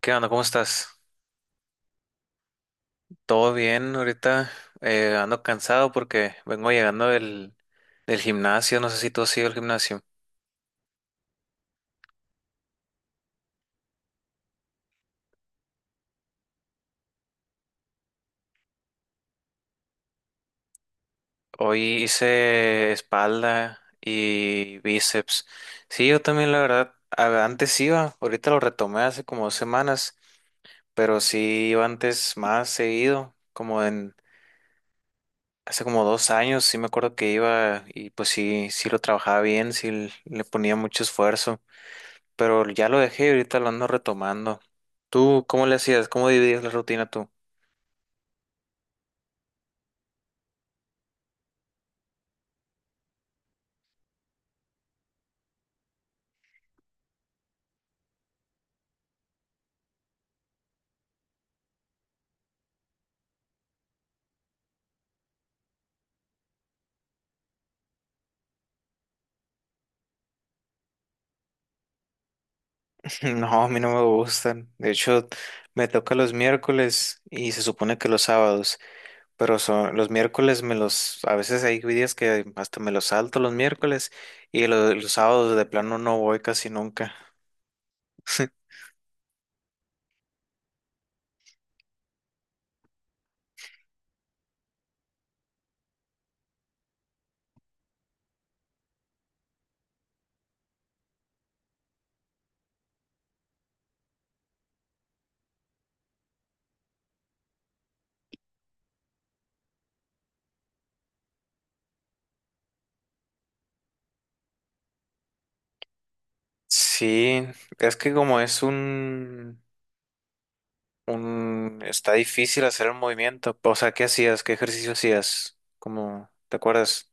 ¿Qué onda? ¿Cómo estás? ¿Todo bien? Ahorita ando cansado porque vengo llegando del gimnasio. No sé si tú has ido al gimnasio. Hoy hice espalda y bíceps. Sí, yo también, la verdad, antes iba. Ahorita lo retomé hace como 2 semanas, pero sí iba antes más seguido. Como en Hace como 2 años, sí me acuerdo que iba y pues sí, sí lo trabajaba bien, sí le ponía mucho esfuerzo. Pero ya lo dejé y ahorita lo ando retomando. ¿Tú cómo le hacías? ¿Cómo dividías la rutina tú? No, a mí no me gustan. De hecho, me toca los miércoles y se supone que los sábados, pero son los miércoles me los, a veces hay días que hasta me los salto los miércoles y los sábados de plano no voy casi nunca. Sí, es que como es está difícil hacer el movimiento. O sea, ¿qué hacías? ¿Qué ejercicio hacías? Como, ¿te acuerdas?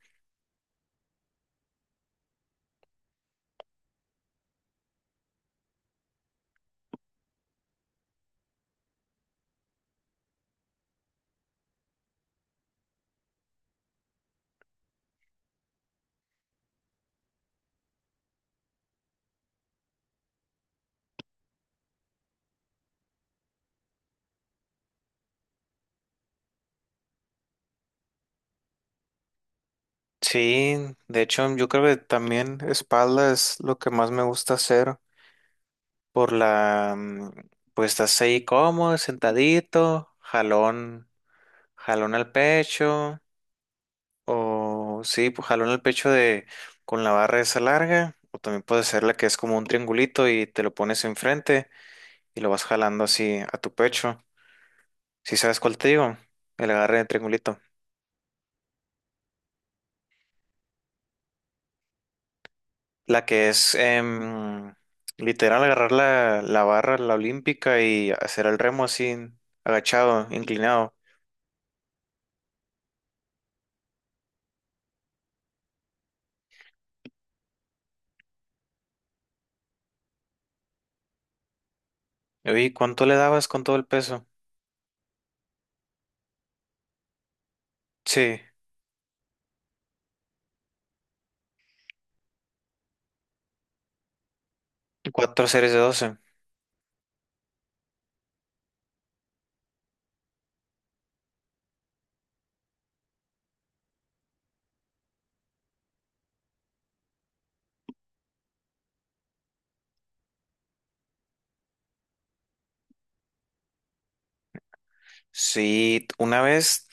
Sí, de hecho yo creo que también espalda es lo que más me gusta hacer por la, pues estás ahí cómodo, sentadito, jalón, jalón al pecho, o sí, pues jalón al pecho de con la barra esa larga, o también puede ser la que es como un triangulito y te lo pones enfrente y lo vas jalando así a tu pecho. ¿Si sabes cuál te digo? El agarre de triangulito. La que es literal agarrar la, la barra, la olímpica y hacer el remo así, agachado, inclinado. Oye, ¿cuánto le dabas con todo el peso? Sí, cuatro series de 12. Sí, una vez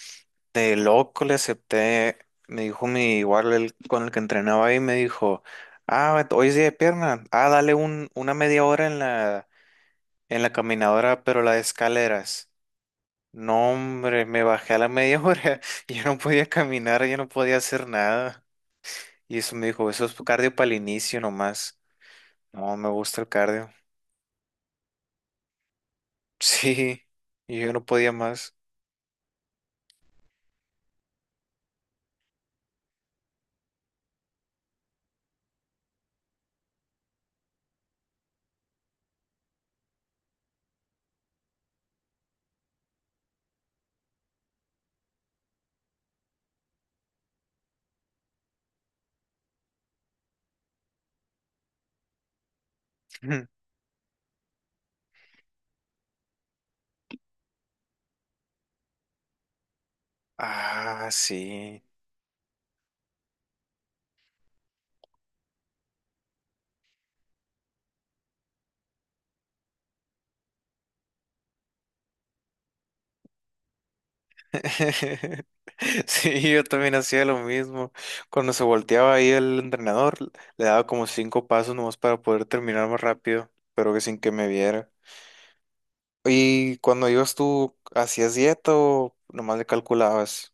de loco le acepté, me dijo mi igual el, con el que entrenaba ahí, me dijo, ah, hoy es día de pierna, ah, dale un, una media hora en la caminadora, pero la de escaleras. No, hombre, me bajé a la media hora. Yo no podía caminar, yo no podía hacer nada. Y eso me dijo, eso es cardio para el inicio nomás. No, me gusta el cardio. Sí, y yo no podía más. Ah, sí. Sí, yo también hacía lo mismo. Cuando se volteaba ahí el entrenador, le daba como cinco pasos nomás para poder terminar más rápido, pero que sin que me viera. ¿Y cuando ibas tú, hacías dieta o nomás le calculabas?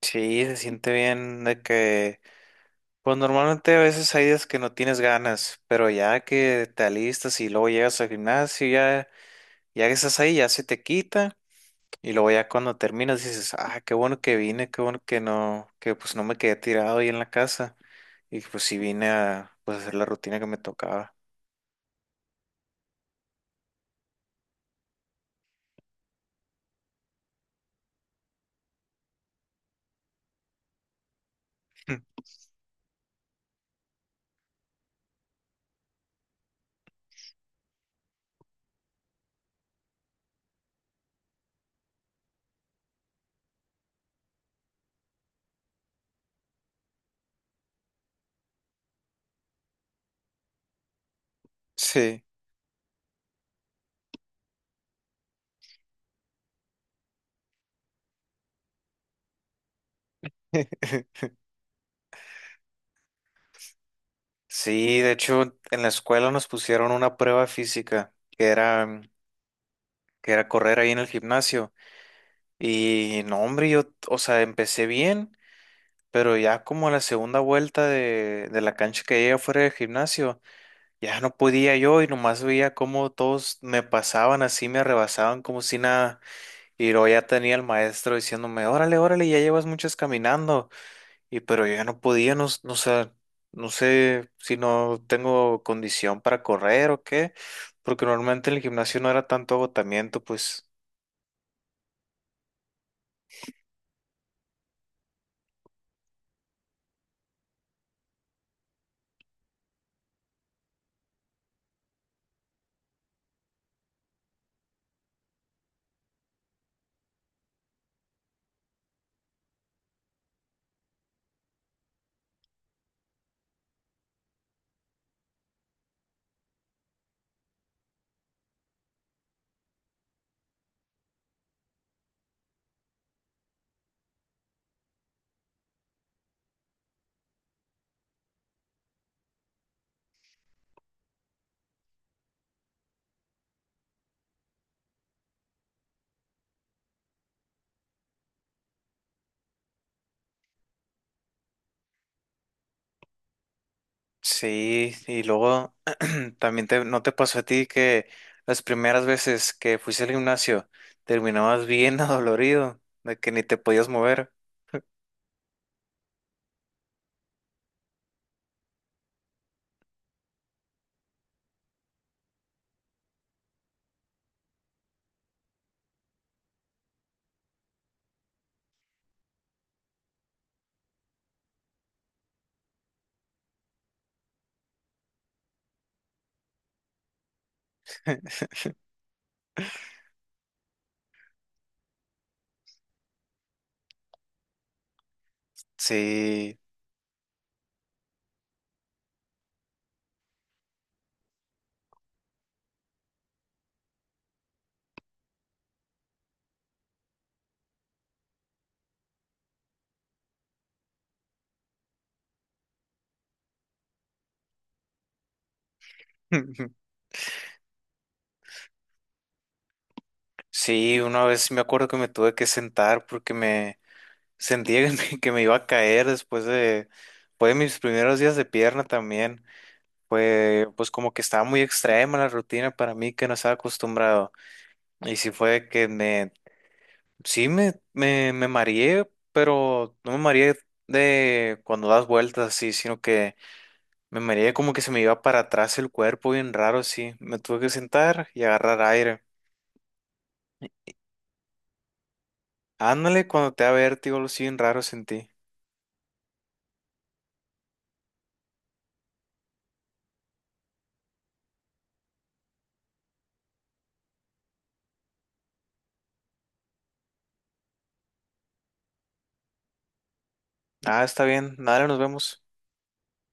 Sí, se siente bien de que, pues normalmente a veces hay días que no tienes ganas, pero ya que te alistas y luego llegas al gimnasio, ya, ya que estás ahí, ya se te quita y luego ya cuando terminas dices, ah, qué bueno que vine, qué bueno que no, que pues no me quedé tirado ahí en la casa y pues sí vine a pues, hacer la rutina que me tocaba. Sí. Sí, de hecho, en la escuela nos pusieron una prueba física que era correr ahí en el gimnasio. Y no, hombre, yo, o sea, empecé bien, pero ya como a la segunda vuelta de la cancha que llegué fuera del gimnasio, ya no podía yo y nomás veía cómo todos me pasaban así, me rebasaban como si nada. Y luego ya tenía el maestro diciéndome, órale, órale, ya llevas muchas caminando. Y pero yo ya no podía, no sé si no tengo condición para correr o qué, porque normalmente en el gimnasio no era tanto agotamiento, pues. Sí, y luego también te, ¿no te pasó a ti que las primeras veces que fuiste al gimnasio terminabas bien adolorido, de que ni te podías mover? Sí, sí, una vez me acuerdo que me tuve que sentar porque me sentía que me iba a caer después de, fue de mis primeros días de pierna también. Fue, pues como que estaba muy extrema la rutina para mí que no estaba acostumbrado. Y sí fue que me. Sí, me mareé, pero no me mareé de cuando das vueltas así, sino que me mareé como que se me iba para atrás el cuerpo bien raro así. Me tuve que sentar y agarrar aire. Ándale, cuando te da vértigo, algo así bien raro sentí. Ah, está bien. Dale, nos vemos.